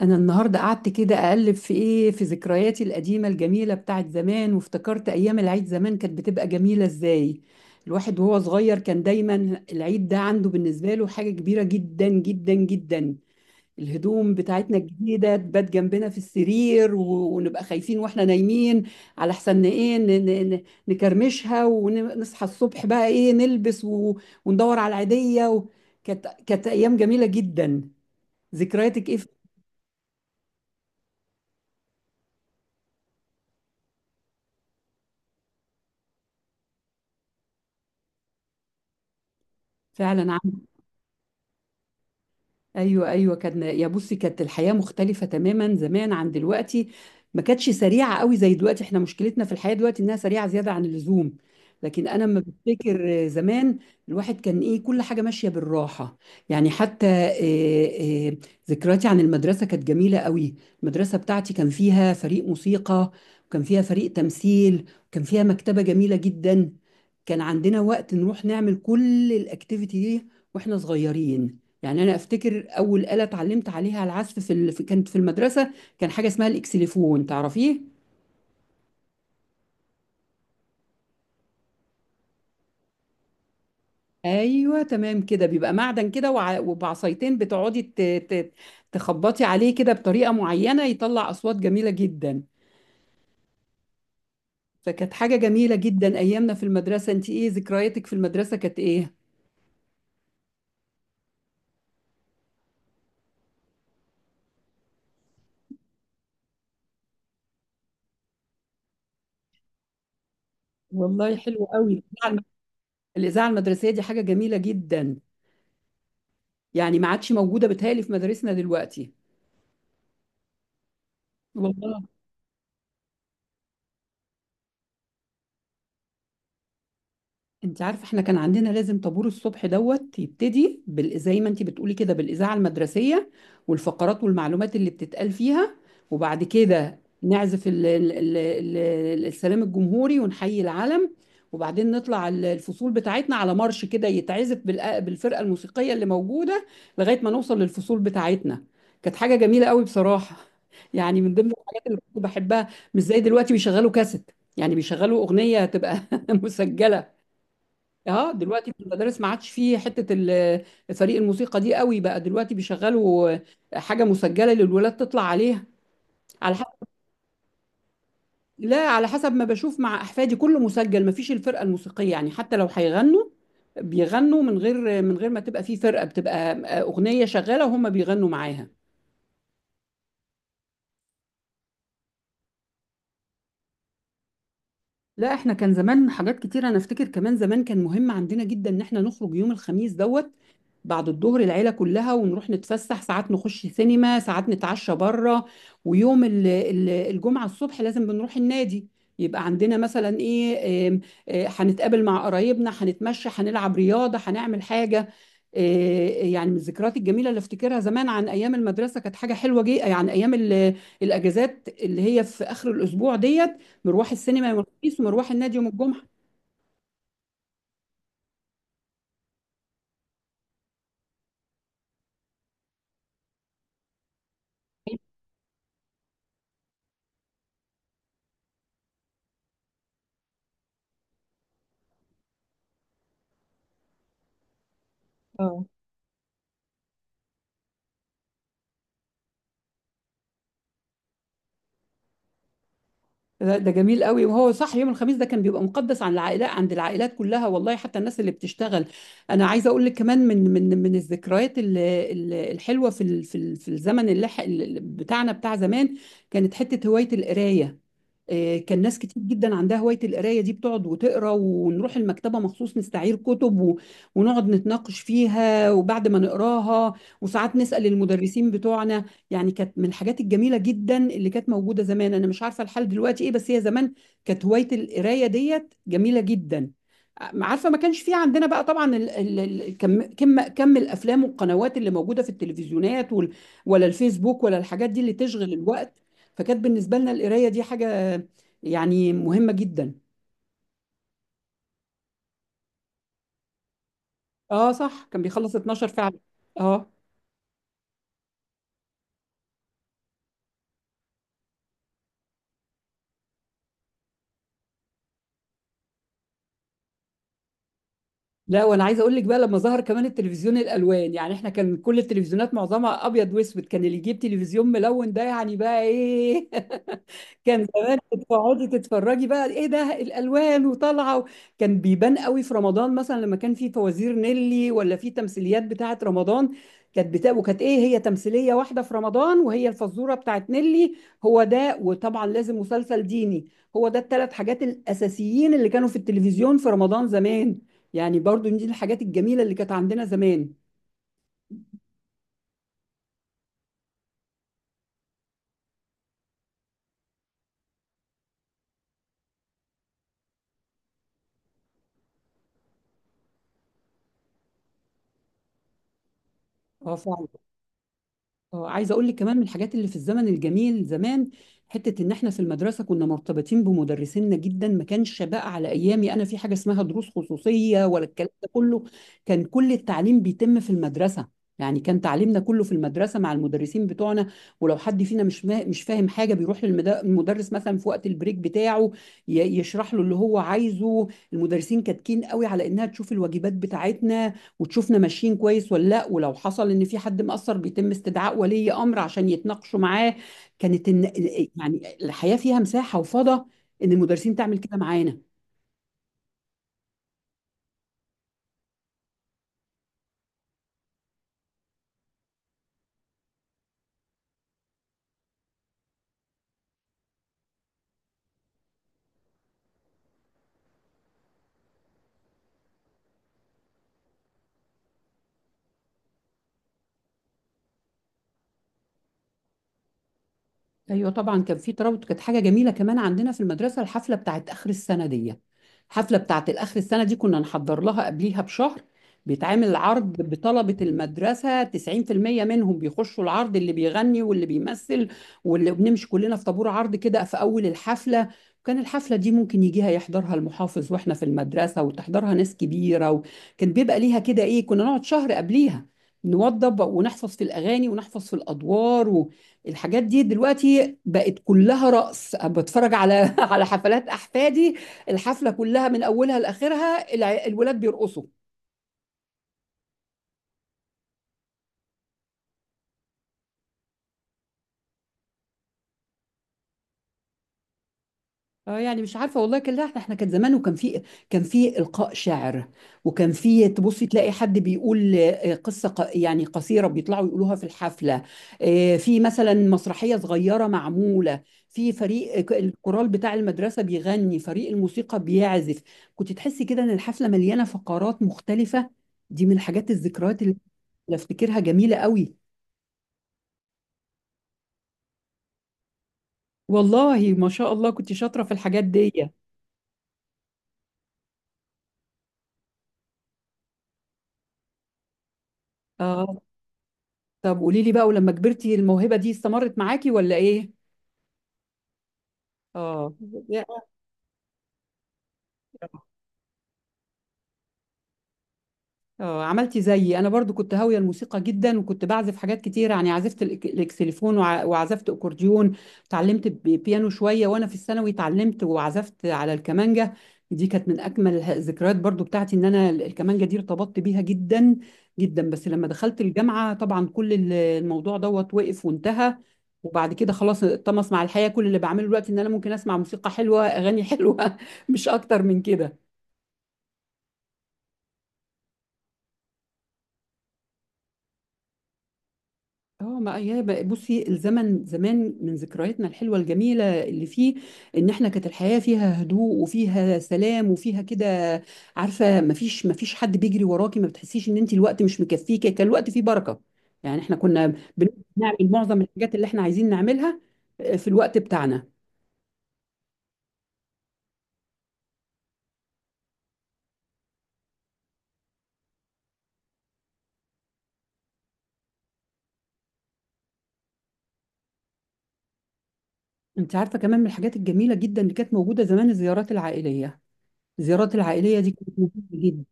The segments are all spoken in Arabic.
انا النهارده قعدت كده اقلب في ايه في ذكرياتي القديمه الجميله بتاعت زمان، وافتكرت ايام العيد زمان كانت بتبقى جميله ازاي. الواحد وهو صغير كان دايما العيد ده عنده بالنسبه له حاجه كبيره جدا جدا جدا. الهدوم بتاعتنا الجديده تبات جنبنا في السرير، و- ونبقى خايفين واحنا نايمين على حسن ايه نكرمشها، ونصحى الصبح بقى ايه نلبس وندور على العيديه كانت ايام جميله جدا. ذكرياتك ايه؟ فعلا. ايوه ايوه، كان يا بصي كانت الحياه مختلفه تماما زمان عن دلوقتي، ما كانتش سريعه قوي زي دلوقتي. احنا مشكلتنا في الحياه دلوقتي انها سريعه زياده عن اللزوم، لكن انا لما بفتكر زمان الواحد كان ايه كل حاجه ماشيه بالراحه. يعني حتى ذكرياتي عن المدرسه كانت جميله قوي. المدرسه بتاعتي كان فيها فريق موسيقى، وكان فيها فريق تمثيل، وكان فيها مكتبه جميله جدا. كان عندنا وقت نروح نعمل كل الاكتيفيتي دي واحنا صغيرين. يعني انا افتكر اول آلة اتعلمت عليها العزف كانت في المدرسة، كان حاجة اسمها الاكسليفون، تعرفيه؟ ايوه تمام كده، بيبقى معدن كده وبعصايتين بتقعدي تخبطي عليه كده بطريقة معينة يطلع اصوات جميلة جدا. فكانت حاجة جميلة جدا ايامنا في المدرسة. انت ايه ذكرياتك في المدرسة، كانت ايه؟ والله حلو قوي الإذاعة المدرسية دي حاجة جميلة جدا، يعني ما عادش موجودة بتهيألي في مدارسنا دلوقتي. والله. انت عارفه احنا كان عندنا لازم طابور الصبح دوت يبتدي زي ما انت بتقولي كده بالاذاعه المدرسيه، والفقرات والمعلومات اللي بتتقال فيها. وبعد كده نعزف السلام الجمهوري ونحيي العلم، وبعدين نطلع الفصول بتاعتنا على مارش كده يتعزف بالفرقه الموسيقيه اللي موجوده لغايه ما نوصل للفصول بتاعتنا. كانت حاجه جميله قوي بصراحه. يعني من ضمن الحاجات اللي كنت بحبها مش زي دلوقتي بيشغلوا كاسيت، يعني بيشغلوا اغنيه هتبقى مسجله. اه دلوقتي في المدارس ما عادش فيه حته فريق الموسيقى دي قوي، بقى دلوقتي بيشغلوا حاجه مسجله للولاد تطلع عليها على حسب. لا على حسب ما بشوف مع احفادي كله مسجل، ما فيش الفرقه الموسيقيه، يعني حتى لو هيغنوا بيغنوا من غير ما تبقى فيه فرقه، بتبقى اغنيه شغاله وهم بيغنوا معاها. لا احنا كان زمان حاجات كتير، انا افتكر كمان زمان كان مهم عندنا جدا ان احنا نخرج يوم الخميس دوت بعد الظهر العيلة كلها، ونروح نتفسح، ساعات نخش سينما، ساعات نتعشى بره. ويوم الجمعة الصبح لازم بنروح النادي. يبقى عندنا مثلا ايه آم، هنتقابل مع قرايبنا، هنتمشى، هنلعب رياضة، هنعمل حاجة. آه، يعني من الذكريات الجميلة اللي افتكرها زمان عن ايام المدرسة كانت حاجة حلوة جدا، يعني ايام الاجازات اللي هي في اخر الاسبوع ديت، مروح السينما يوم الخميس ومروح النادي يوم الجمعة. ده ده جميل قوي، وهو صح يوم الخميس ده كان بيبقى مقدس عن العائلات، عند العائلات كلها والله، حتى الناس اللي بتشتغل. انا عايزه اقول لك كمان من الذكريات الحلوه في الزمن اللي بتاعنا بتاع زمان، كانت حته هوايه القرايه. كان ناس كتير جدا عندها هوايه القرايه دي، بتقعد وتقرا، ونروح المكتبه مخصوص نستعير كتب ونقعد نتناقش فيها وبعد ما نقراها، وساعات نسال المدرسين بتوعنا. يعني كانت من الحاجات الجميلة جدا اللي كانت موجودة زمان. أنا مش عارفة الحال دلوقتي إيه، بس هي زمان كانت هواية القراية ديت جميلة جدا. عارفة ما كانش في عندنا بقى طبعا ال ال ال كم الأفلام والقنوات اللي موجودة في التلفزيونات ولا الفيسبوك ولا الحاجات دي اللي تشغل الوقت، فكانت بالنسبة لنا القراية دي حاجة يعني مهمة جدا. اه صح كان بيخلص 12 فعلا. اه. لا وانا عايز اقول لك بقى لما ظهر كمان التلفزيون الالوان، يعني احنا كان كل التلفزيونات معظمها ابيض واسود، كان اللي يجيب تلفزيون ملون ده يعني بقى ايه كان زمان بتقعدي تتفرجي بقى ايه ده الالوان وطالعه كان بيبان قوي في رمضان مثلا لما كان في فوازير نيلي ولا في تمثيليات بتاعه رمضان، وكانت ايه هي تمثيليه واحده في رمضان وهي الفزوره بتاعه نيلي هو ده، وطبعا لازم مسلسل ديني. هو ده الثلاث حاجات الاساسيين اللي كانوا في التلفزيون في رمضان زمان. يعني برضو دي الحاجات الجميله اللي كانت عندنا زمان. اه. اه عايزه اقول لك كمان من الحاجات اللي في الزمن الجميل زمان حته ان احنا في المدرسه كنا مرتبطين بمدرسينا جدا، ما كانش بقى على ايامي انا في حاجه اسمها دروس خصوصيه ولا الكلام ده كله. كان كل التعليم بيتم في المدرسه، يعني كان تعليمنا كله في المدرسه مع المدرسين بتوعنا، ولو حد فينا مش فاهم حاجه بيروح للمدرس مثلا في وقت البريك بتاعه يشرح له اللي هو عايزه. المدرسين كاتكين قوي على انها تشوف الواجبات بتاعتنا وتشوفنا ماشيين كويس ولا لا، ولو حصل ان في حد مقصر بيتم استدعاء ولي امر عشان يتناقشوا معاه. كانت إن يعني الحياه فيها مساحه وفضاء ان المدرسين تعمل كده معانا. ايوه طبعا كان في ترابط. كانت حاجه جميله كمان عندنا في المدرسه الحفله بتاعت اخر السنه دي، الحفله بتاعت الاخر السنه دي كنا نحضر لها قبليها بشهر، بيتعمل عرض بطلبه المدرسه 90% منهم بيخشوا العرض، اللي بيغني واللي بيمثل واللي بنمشي كلنا في طابور عرض كده في اول الحفله. كان الحفله دي ممكن يجيها يحضرها المحافظ واحنا في المدرسه وتحضرها ناس كبيره، وكان بيبقى ليها كده ايه كنا نقعد شهر قبليها نوضب ونحفظ في الاغاني ونحفظ في الادوار. الحاجات دي دلوقتي بقت كلها رقص، بتفرج على على حفلات احفادي الحفله كلها من اولها لاخرها الولاد بيرقصوا. اه يعني مش عارفه والله كان لا احنا كان زمان وكان في، كان في القاء شعر وكان في تبصي تلاقي حد بيقول قصه يعني قصيره بيطلعوا يقولوها في الحفله، في مثلا مسرحيه صغيره معموله، في فريق الكورال بتاع المدرسه بيغني، فريق الموسيقى بيعزف. كنت تحسي كده ان الحفله مليانه فقرات مختلفه. دي من الحاجات الذكريات اللي افتكرها جميله قوي. والله ما شاء الله كنت شاطره في الحاجات دي. اه طب قولي لي بقى ولما كبرتي الموهبة دي استمرت معاكي ولا ايه؟ اه. اه عملتي زيي انا برضو كنت هاويه الموسيقى جدا وكنت بعزف حاجات كتير، يعني عزفت الاكسليفون وعزفت اكورديون، اتعلمت بيانو شويه وانا في الثانوي اتعلمت وعزفت على الكمانجه. دي كانت من اجمل الذكريات برضو بتاعتي ان انا الكمانجه دي ارتبطت بيها جدا جدا، بس لما دخلت الجامعه طبعا كل الموضوع دوت وقف وانتهى، وبعد كده خلاص اتطمس مع الحياه. كل اللي بعمله دلوقتي ان انا ممكن اسمع موسيقى حلوه اغاني حلوه مش اكتر من كده. اه ما هي بصي الزمن زمان من ذكرياتنا الحلوه الجميله اللي فيه ان احنا كانت الحياه فيها هدوء وفيها سلام وفيها كده، عارفه ما فيش حد بيجري وراكي، ما بتحسيش ان انت الوقت مش مكفيكي، كان الوقت فيه بركه. يعني احنا كنا بن- بنعمل معظم الحاجات اللي احنا عايزين نعملها في الوقت بتاعنا. انت عارفه كمان من الحاجات الجميله جدا اللي كانت موجوده زمان الزيارات العائليه. الزيارات العائليه دي كانت مهمه،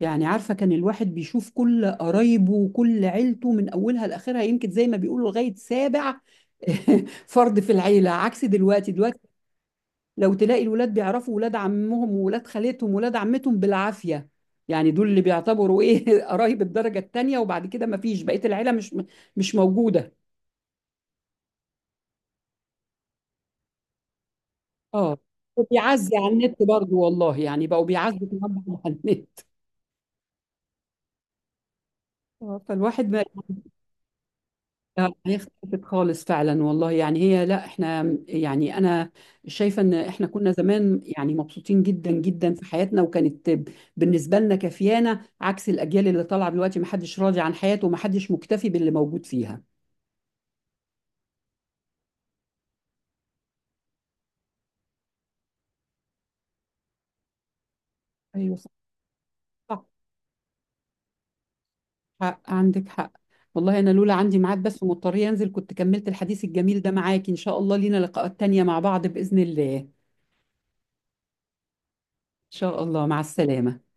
يعني عارفة كان الواحد بيشوف كل قرايبه وكل عيلته من أولها لآخرها، يمكن زي ما بيقولوا لغاية سابع فرد في العيلة. عكس دلوقتي، دلوقتي لو تلاقي الولاد بيعرفوا ولاد عمهم وولاد خالتهم وولاد عمتهم بالعافية، يعني دول اللي بيعتبروا إيه قرايب الدرجة التانية، وبعد كده ما فيش بقية العيلة مش موجودة. اه. بيعزي على النت برضو والله، يعني بقوا بيعزوا كمان على النت. فالواحد ما. اه هي اختلفت خالص فعلا والله يعني هي لا احنا يعني انا شايفه ان احنا كنا زمان يعني مبسوطين جدا جدا في حياتنا، وكانت بالنسبه لنا كفيانه، عكس الاجيال اللي طالعه دلوقتي ما حدش راضي عن حياته وما حدش مكتفي باللي موجود فيها. ايوه صح. صح. حق عندك حق. والله انا لولا عندي ميعاد بس ومضطريه انزل كنت كملت الحديث الجميل ده معاك. ان شاء الله لينا لقاءات تانية مع بعض باذن الله ان شاء الله، مع السلامه.